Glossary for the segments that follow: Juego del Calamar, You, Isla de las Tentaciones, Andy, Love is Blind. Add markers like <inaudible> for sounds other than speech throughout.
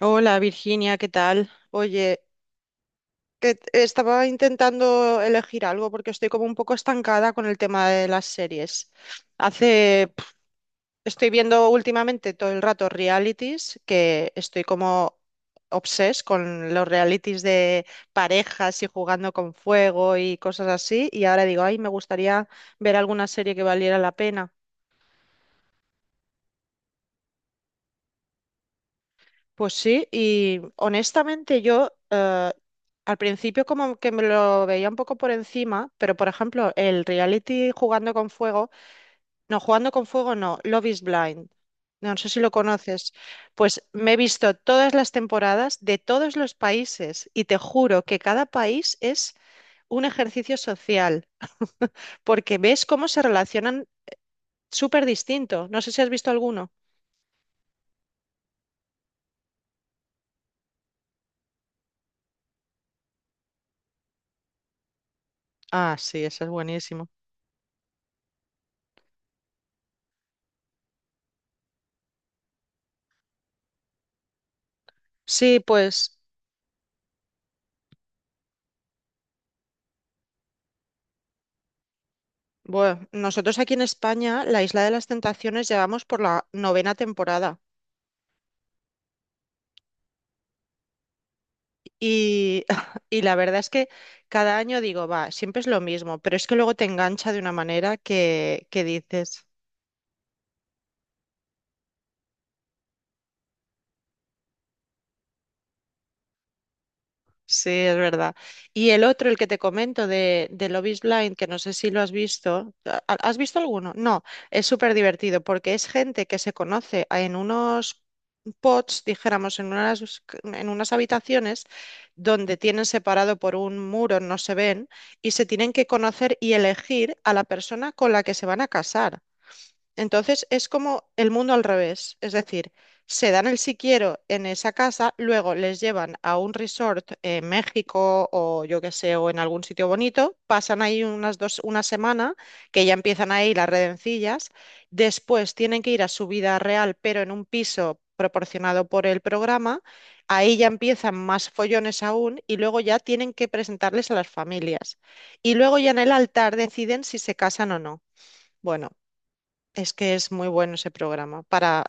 Hola Virginia, ¿qué tal? Oye, estaba intentando elegir algo porque estoy como un poco estancada con el tema de las series. Hace, pf, estoy viendo últimamente todo el rato realities, que estoy como obses con los realities de parejas y jugando con fuego y cosas así. Y ahora digo, ay, me gustaría ver alguna serie que valiera la pena. Pues sí, y honestamente yo al principio como que me lo veía un poco por encima, pero por ejemplo el reality Jugando con Fuego, no, Jugando con Fuego no, Love is Blind, no sé si lo conoces, pues me he visto todas las temporadas de todos los países y te juro que cada país es un ejercicio social, porque ves cómo se relacionan súper distinto, no sé si has visto alguno. Ah, sí, ese es buenísimo. Sí, pues. Bueno, nosotros aquí en España, la Isla de las Tentaciones, llevamos por la novena temporada y, <laughs> y la verdad es que cada año digo, va, siempre es lo mismo, pero es que luego te engancha de una manera que dices, sí, es verdad. Y el otro, el que te comento de Love is Blind, que no sé si lo has visto, ¿has visto alguno? No, es súper divertido porque es gente que se conoce en unos pods, dijéramos, en unas habitaciones donde tienen separado por un muro, no se ven, y se tienen que conocer y elegir a la persona con la que se van a casar. Entonces es como el mundo al revés, es decir, se dan el si quiero en esa casa, luego les llevan a un resort en México o yo qué sé, o en algún sitio bonito, pasan ahí unas dos, una semana, que ya empiezan ahí las redencillas, después tienen que ir a su vida real, pero en un piso proporcionado por el programa, ahí ya empiezan más follones aún y luego ya tienen que presentarles a las familias. Y luego ya en el altar deciden si se casan o no. Bueno. Es que es muy bueno ese programa.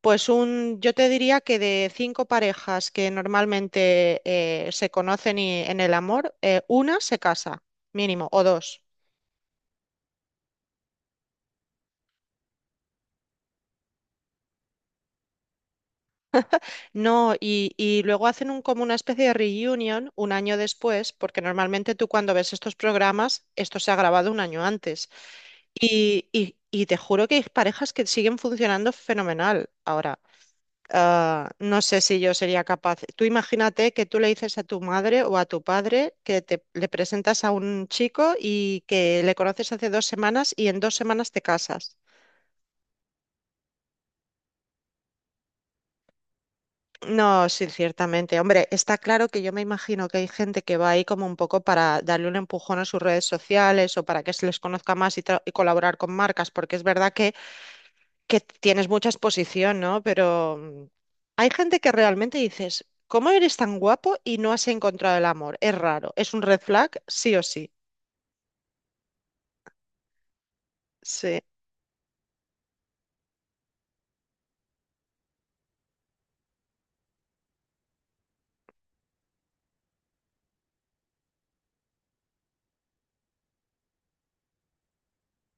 Pues yo te diría que de cinco parejas que normalmente se conocen y, en el amor, una se casa, mínimo, o dos. No, y luego hacen como una especie de reunion un año después, porque normalmente tú cuando ves estos programas, esto se ha grabado un año antes. Y te juro que hay parejas que siguen funcionando fenomenal ahora. Ah, no sé si yo sería capaz. Tú imagínate que tú le dices a tu madre o a tu padre que te le presentas a un chico y que le conoces hace 2 semanas y en 2 semanas te casas. No, sí, ciertamente. Hombre, está claro que yo me imagino que hay gente que va ahí como un poco para darle un empujón a sus redes sociales o para que se les conozca más y, y colaborar con marcas, porque es verdad que tienes mucha exposición, ¿no? Pero hay gente que realmente dices, ¿cómo eres tan guapo y no has encontrado el amor? Es raro, es un red flag, sí o sí. Sí.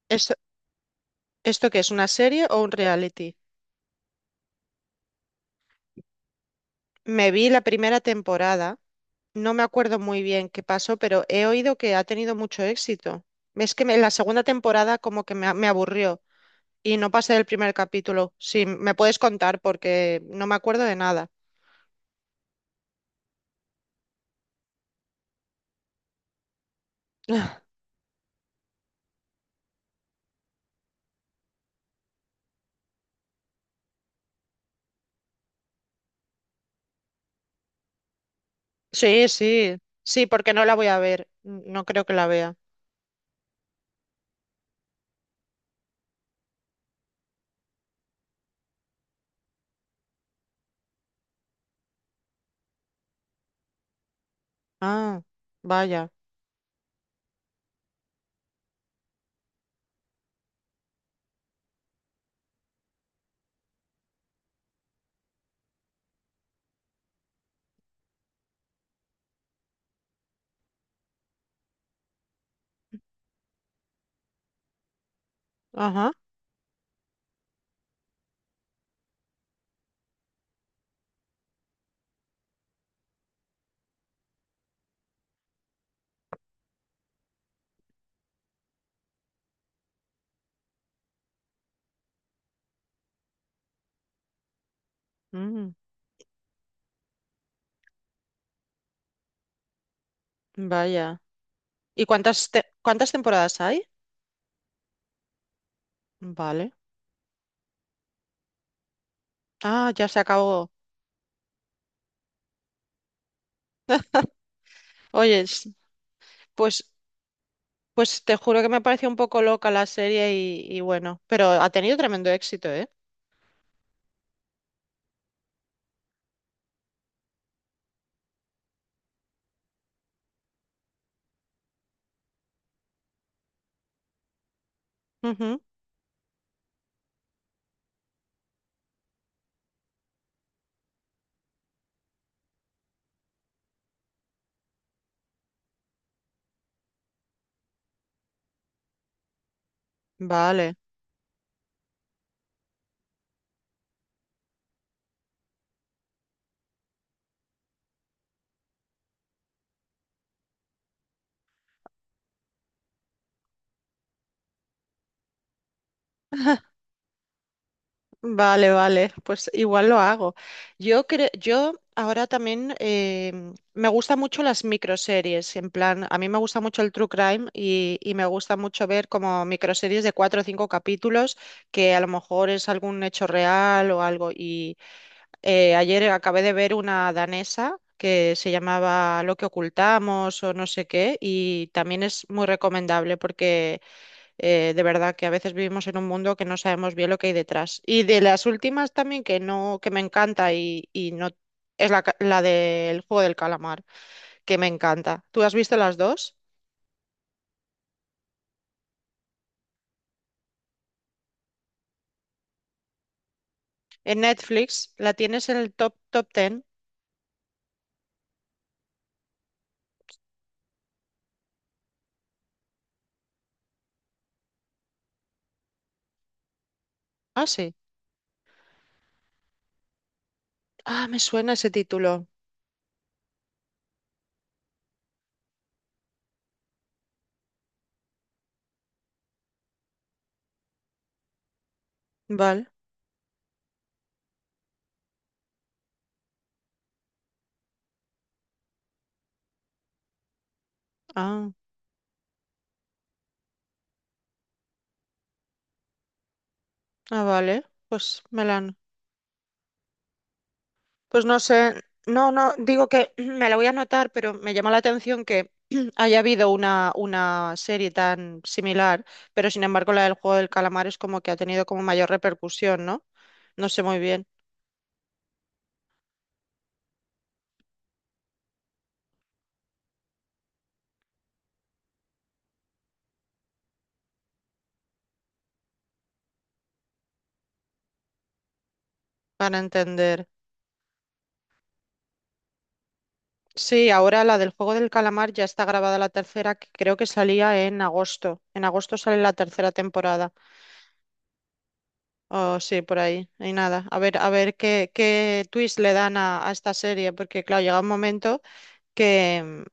¿Esto, esto qué es una serie o un reality? Me vi la primera temporada, no me acuerdo muy bien qué pasó, pero he oído que ha tenido mucho éxito. Es que la segunda temporada como que me aburrió y no pasé del primer capítulo. Sí, me puedes contar porque no me acuerdo de nada. <laughs> Sí, sí, sí, porque no la voy a ver. No creo que la vea. Ah, vaya. Ajá. Mm, vaya. ¿Y cuántas cuántas temporadas hay? Vale. Ah, ya se acabó. Oye, pues, pues te juro que me pareció un poco loca la serie y bueno, pero ha tenido tremendo éxito, ¿eh? Ujú. Vale. Vale, vale, pues igual lo hago. Yo ahora también me gustan mucho las microseries, en plan, a mí me gusta mucho el true crime y me gusta mucho ver como microseries de cuatro o cinco capítulos que a lo mejor es algún hecho real o algo. Y ayer acabé de ver una danesa que se llamaba Lo que ocultamos o no sé qué y también es muy recomendable porque de verdad que a veces vivimos en un mundo que no sabemos bien lo que hay detrás. Y de las últimas también que no, que me encanta y no es la del juego del calamar, que me encanta. ¿Tú has visto las dos? En Netflix la tienes en el top top ten. Ah, sí. Ah, me suena ese título. Vale. Ah, ah, vale. Pues no sé, no, no, digo que <clears throat> me la voy a anotar, pero me llama la atención que <clears throat> haya habido una serie tan similar, pero sin embargo la del juego del calamar es como que ha tenido como mayor repercusión, ¿no? No sé muy bien, para entender. Sí, ahora la del juego del calamar ya está grabada la tercera, que creo que salía en agosto. En agosto sale la tercera temporada. Oh, sí, por ahí. Y nada, a ver qué twist le dan a esta serie, porque claro, llega un momento, que,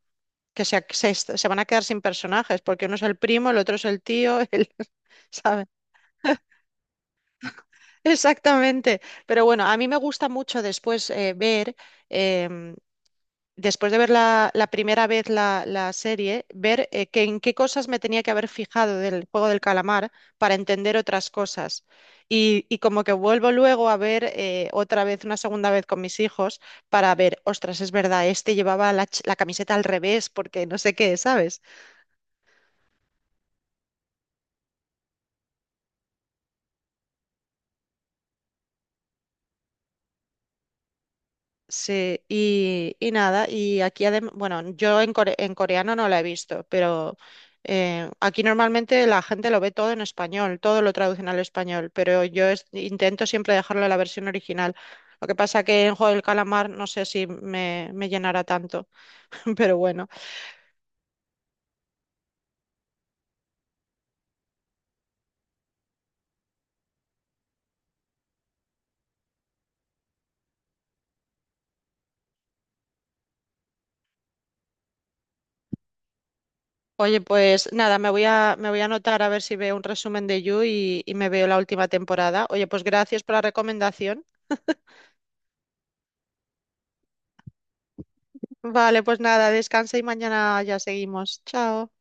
que se van a quedar sin personajes, porque uno es el primo, el otro es el tío, <laughs> ¿sabes? Exactamente. Pero bueno, a mí me gusta mucho después em, después de ver la primera vez la serie, ver que en qué cosas me tenía que haber fijado del juego del calamar para entender otras cosas. Y como que vuelvo luego a ver otra vez, una segunda vez con mis hijos, para ver, ostras, es verdad, este llevaba la camiseta al revés porque no sé qué, ¿sabes? Sí, y nada, y aquí además, bueno, yo en coreano no la he visto, pero aquí normalmente la gente lo ve todo en español, todo lo traducen al español, pero yo intento siempre dejarlo en la versión original. Lo que pasa que en Juego del Calamar no sé si me llenará tanto, <laughs> pero bueno. Oye, pues nada, me voy a anotar a ver si veo un resumen de You y me veo la última temporada. Oye, pues gracias por la recomendación. Vale, pues nada, descansa y mañana ya seguimos. Chao.